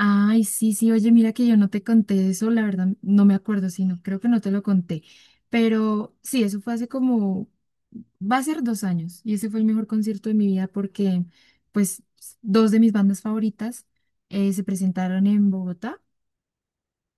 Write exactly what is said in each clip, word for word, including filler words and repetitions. Ay, sí, sí, oye, mira que yo no te conté eso, la verdad, no me acuerdo, sino creo que no te lo conté. Pero sí, eso fue hace como, va a ser dos años, y ese fue el mejor concierto de mi vida porque, pues, dos de mis bandas favoritas eh, se presentaron en Bogotá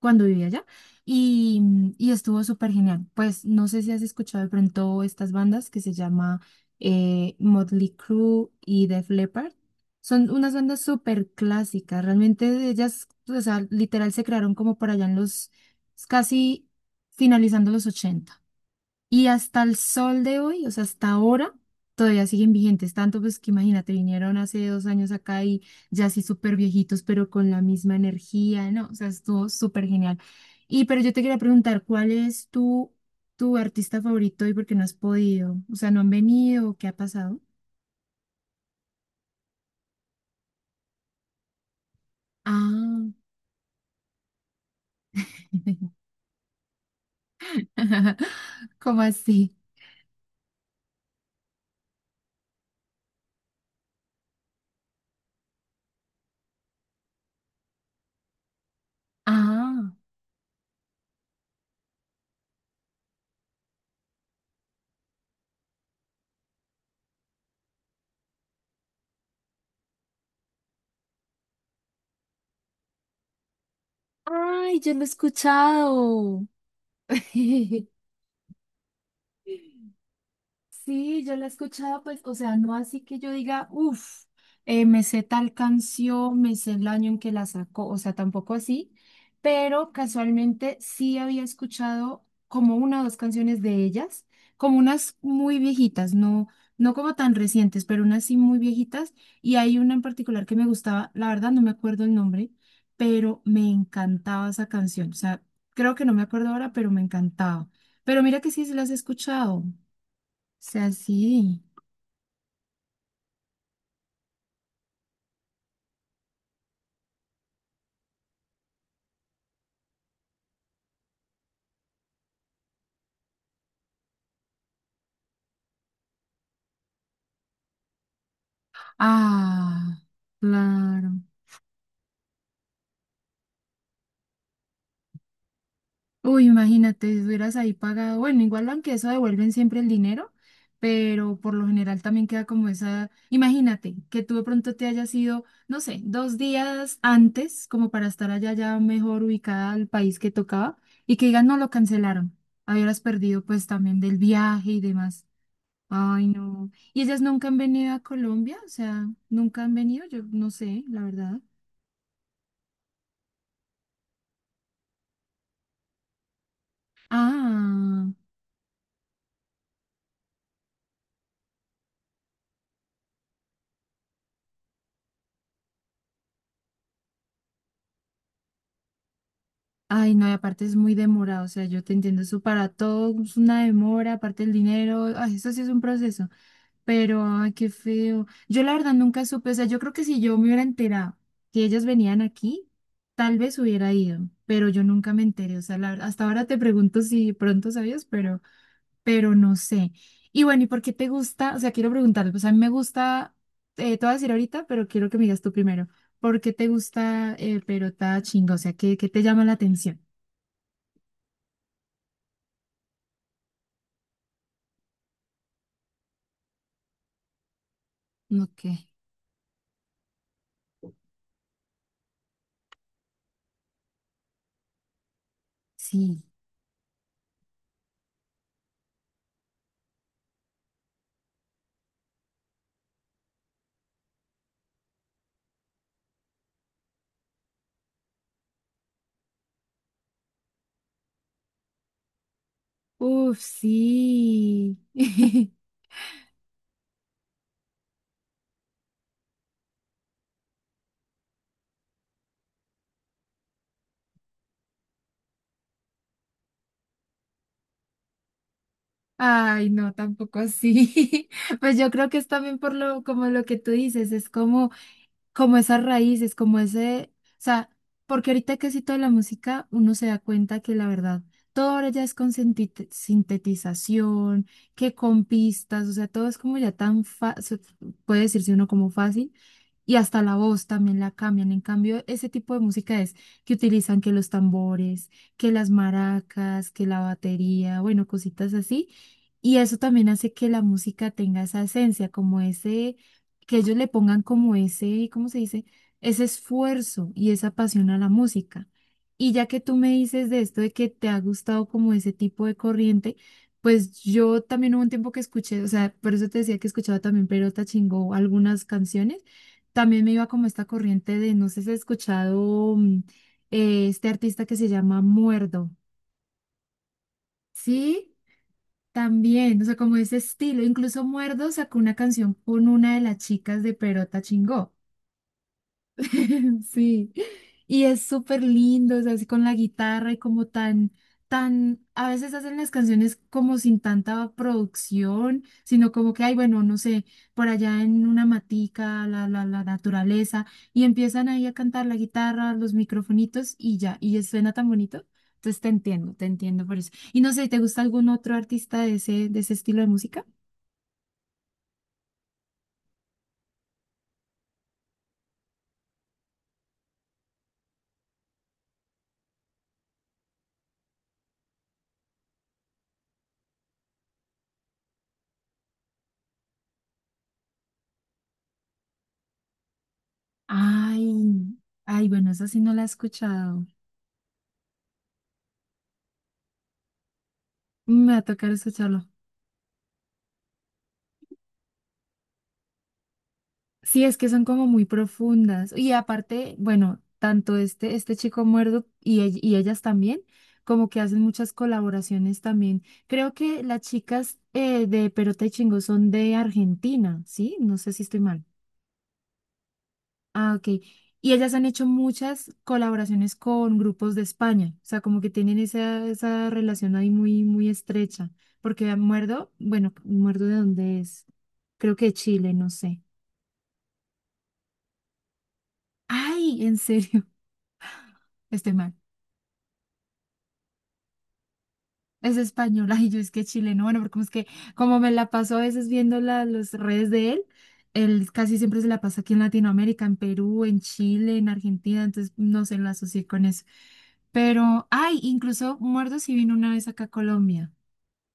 cuando vivía allá y, mm, y estuvo súper genial. Pues no sé si has escuchado de pronto estas bandas que se llama eh, Motley Crue y Def Leppard. Son unas bandas súper clásicas, realmente de ellas, o sea, literal se crearon como por allá en los casi finalizando los ochenta y hasta el sol de hoy, o sea, hasta ahora, todavía siguen vigentes. Tanto pues que imagínate, vinieron hace dos años acá y ya así súper viejitos, pero con la misma energía, ¿no? O sea, estuvo súper genial. Y pero yo te quería preguntar, ¿cuál es tu, tu artista favorito y por qué no has podido? O sea, ¿no han venido? ¿Qué ha pasado? Ah, ¿cómo así? Ah, ay, yo lo he escuchado. Sí, yo la he escuchado, pues, o sea, no así que yo diga, uff, me sé tal canción, me sé el año en que la sacó, o sea, tampoco así, pero casualmente sí había escuchado como una o dos canciones de ellas, como unas muy viejitas, no, no como tan recientes, pero unas sí muy viejitas, y hay una en particular que me gustaba, la verdad no me acuerdo el nombre, pero me encantaba esa canción, o sea, creo que no me acuerdo ahora, pero me encantaba. Pero mira que sí, sí las he escuchado sea así. Ah, claro. Uy, imagínate, si hubieras ahí pagado. Bueno, igual aunque eso devuelven siempre el dinero, pero por lo general también queda como esa. Imagínate que tú de pronto te hayas ido, no sé, dos días antes, como para estar allá ya mejor ubicada al país que tocaba, y que digan, no lo cancelaron. Habieras perdido pues también del viaje y demás. Ay, no. ¿Y ellas nunca han venido a Colombia? O sea, nunca han venido, yo no sé, la verdad. Ah, ay, no, y aparte es muy demorado, o sea, yo te entiendo, eso para todo es una demora, aparte el dinero, ay, eso sí es un proceso, pero ay, qué feo. Yo la verdad nunca supe, o sea, yo creo que si yo me hubiera enterado que ellas venían aquí, tal vez hubiera ido, pero yo nunca me enteré, o sea, la verdad, hasta ahora te pregunto si pronto sabías, pero, pero no sé. Y bueno, ¿y por qué te gusta? O sea, quiero preguntarte, pues a mí me gusta, eh, te voy a decir ahorita, pero quiero que me digas tú primero, ¿por qué te gusta eh, Perota Chingo? O sea, ¿qué, qué te llama la atención? Ok, sí. Uf, sí. Ay, no, tampoco así. Pues yo creo que es también por lo, como lo que tú dices, es como, como esas raíces, como ese, o sea, porque ahorita que sí toda la música, uno se da cuenta que la verdad, todo ahora ya es con sintite- sintetización, que con pistas, o sea, todo es como ya tan fácil, puede decirse uno como fácil. Y hasta la voz también la cambian. En cambio, ese tipo de música es que utilizan que los tambores, que las maracas, que la batería, bueno, cositas así. Y eso también hace que la música tenga esa esencia, como ese, que ellos le pongan como ese, ¿cómo se dice? Ese esfuerzo y esa pasión a la música. Y ya que tú me dices de esto, de que te ha gustado como ese tipo de corriente, pues yo también hubo un tiempo que escuché, o sea, por eso te decía que escuchaba también Perota Chingó algunas canciones también me iba como esta corriente de, no sé si has escuchado mm, eh, este artista que se llama Muerdo. Sí, también, o sea, como ese estilo. Incluso Muerdo sacó una canción con una de las chicas de Perota Chingó. Sí, y es súper lindo, es así con la guitarra y como tan, tan, a veces hacen las canciones como sin tanta producción, sino como que, ay, bueno, no sé, por allá en una matica, la, la, la naturaleza, y empiezan ahí a cantar la guitarra, los microfonitos y ya, y ya suena tan bonito. Entonces te entiendo, te entiendo por eso. Y no sé, ¿te gusta algún otro artista de ese, de ese estilo de música? Ay, ay, bueno, esa sí no la he escuchado. Me va a tocar escucharlo. Sí, es que son como muy profundas. Y aparte, bueno, tanto este, este chico muerto y, ell- y ellas también, como que hacen muchas colaboraciones también. Creo que las chicas eh, de Perota y Chingó son de Argentina, ¿sí? No sé si estoy mal. Ah, ok. Y ellas han hecho muchas colaboraciones con grupos de España. O sea, como que tienen esa, esa relación ahí muy, muy estrecha. Porque Muerdo, bueno, ¿Muerdo de dónde es? Creo que de Chile, no sé. Ay, en serio, estoy mal. Es española y yo es que chileno, bueno, porque es que como me la paso a veces viendo la- las redes de él, él casi siempre se la pasa aquí en Latinoamérica, en Perú, en Chile, en Argentina, entonces no se la asocié con eso. Pero, ay, incluso Muertos sí vino una vez acá a Colombia.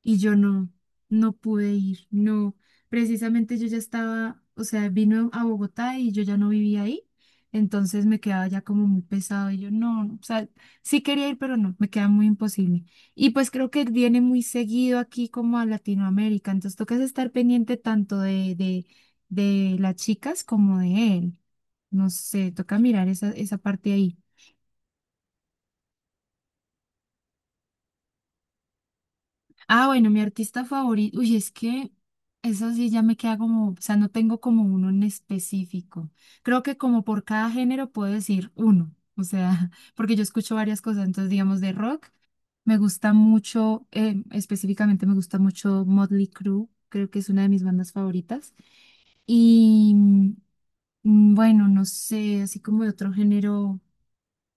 Y yo no, no pude ir, no. Precisamente yo ya estaba, o sea, vino a Bogotá y yo ya no vivía ahí, entonces me quedaba ya como muy pesado y yo no, o sea, sí quería ir, pero no, me queda muy imposible. Y pues creo que viene muy seguido aquí como a Latinoamérica, entonces tocas estar pendiente tanto de, de, de las chicas como de él. No sé, toca mirar esa, esa parte ahí. Ah, bueno, mi artista favorito. Uy, es que eso sí ya me queda como, o sea, no tengo como uno en específico. Creo que como por cada género puedo decir uno, o sea, porque yo escucho varias cosas, entonces digamos de rock, me gusta mucho, eh, específicamente me gusta mucho Motley Crue, creo que es una de mis bandas favoritas. Y mm, bueno, no sé, así como de otro género.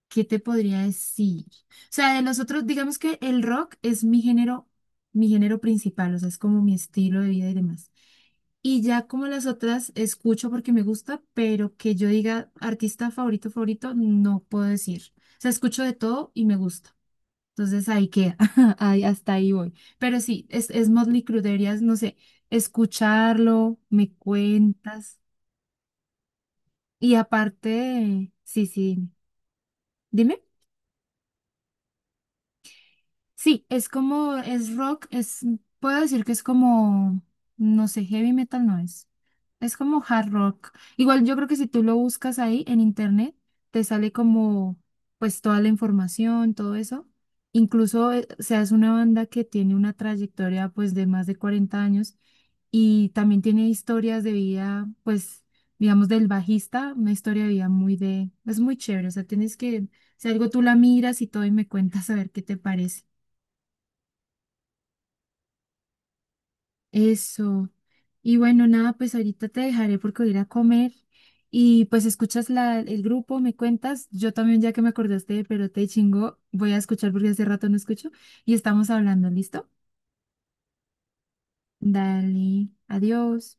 ¿Qué te podría decir? O sea, de los otros, digamos que el rock es mi género, mi género principal, o sea, es como mi estilo de vida y demás. Y ya como las otras escucho porque me gusta, pero que yo diga artista favorito, favorito, no puedo decir. O sea, escucho de todo y me gusta. Entonces ahí queda, ahí, hasta ahí voy. Pero sí, es, es Motley Crue, deberías, no sé, escucharlo, me cuentas. Y aparte, sí, sí, dime. Sí, es como, es rock, es, puedo decir que es como, no sé, heavy metal no es. Es como hard rock. Igual yo creo que si tú lo buscas ahí en internet, te sale como, pues toda la información, todo eso. Incluso, eh, o sea, es una banda que tiene una trayectoria, pues, de más de cuarenta años y también tiene historias de vida, pues, digamos, del bajista, una historia de vida muy de, es muy chévere. O sea, tienes que, si algo tú la miras y todo y me cuentas a ver qué te parece. Eso. Y bueno, nada, pues ahorita te dejaré porque voy a ir a comer y pues escuchas la, el grupo, me cuentas. Yo también, ya que me acordaste de Perote y Chingó, voy a escuchar porque hace rato no escucho y estamos hablando, ¿listo? Dale, adiós.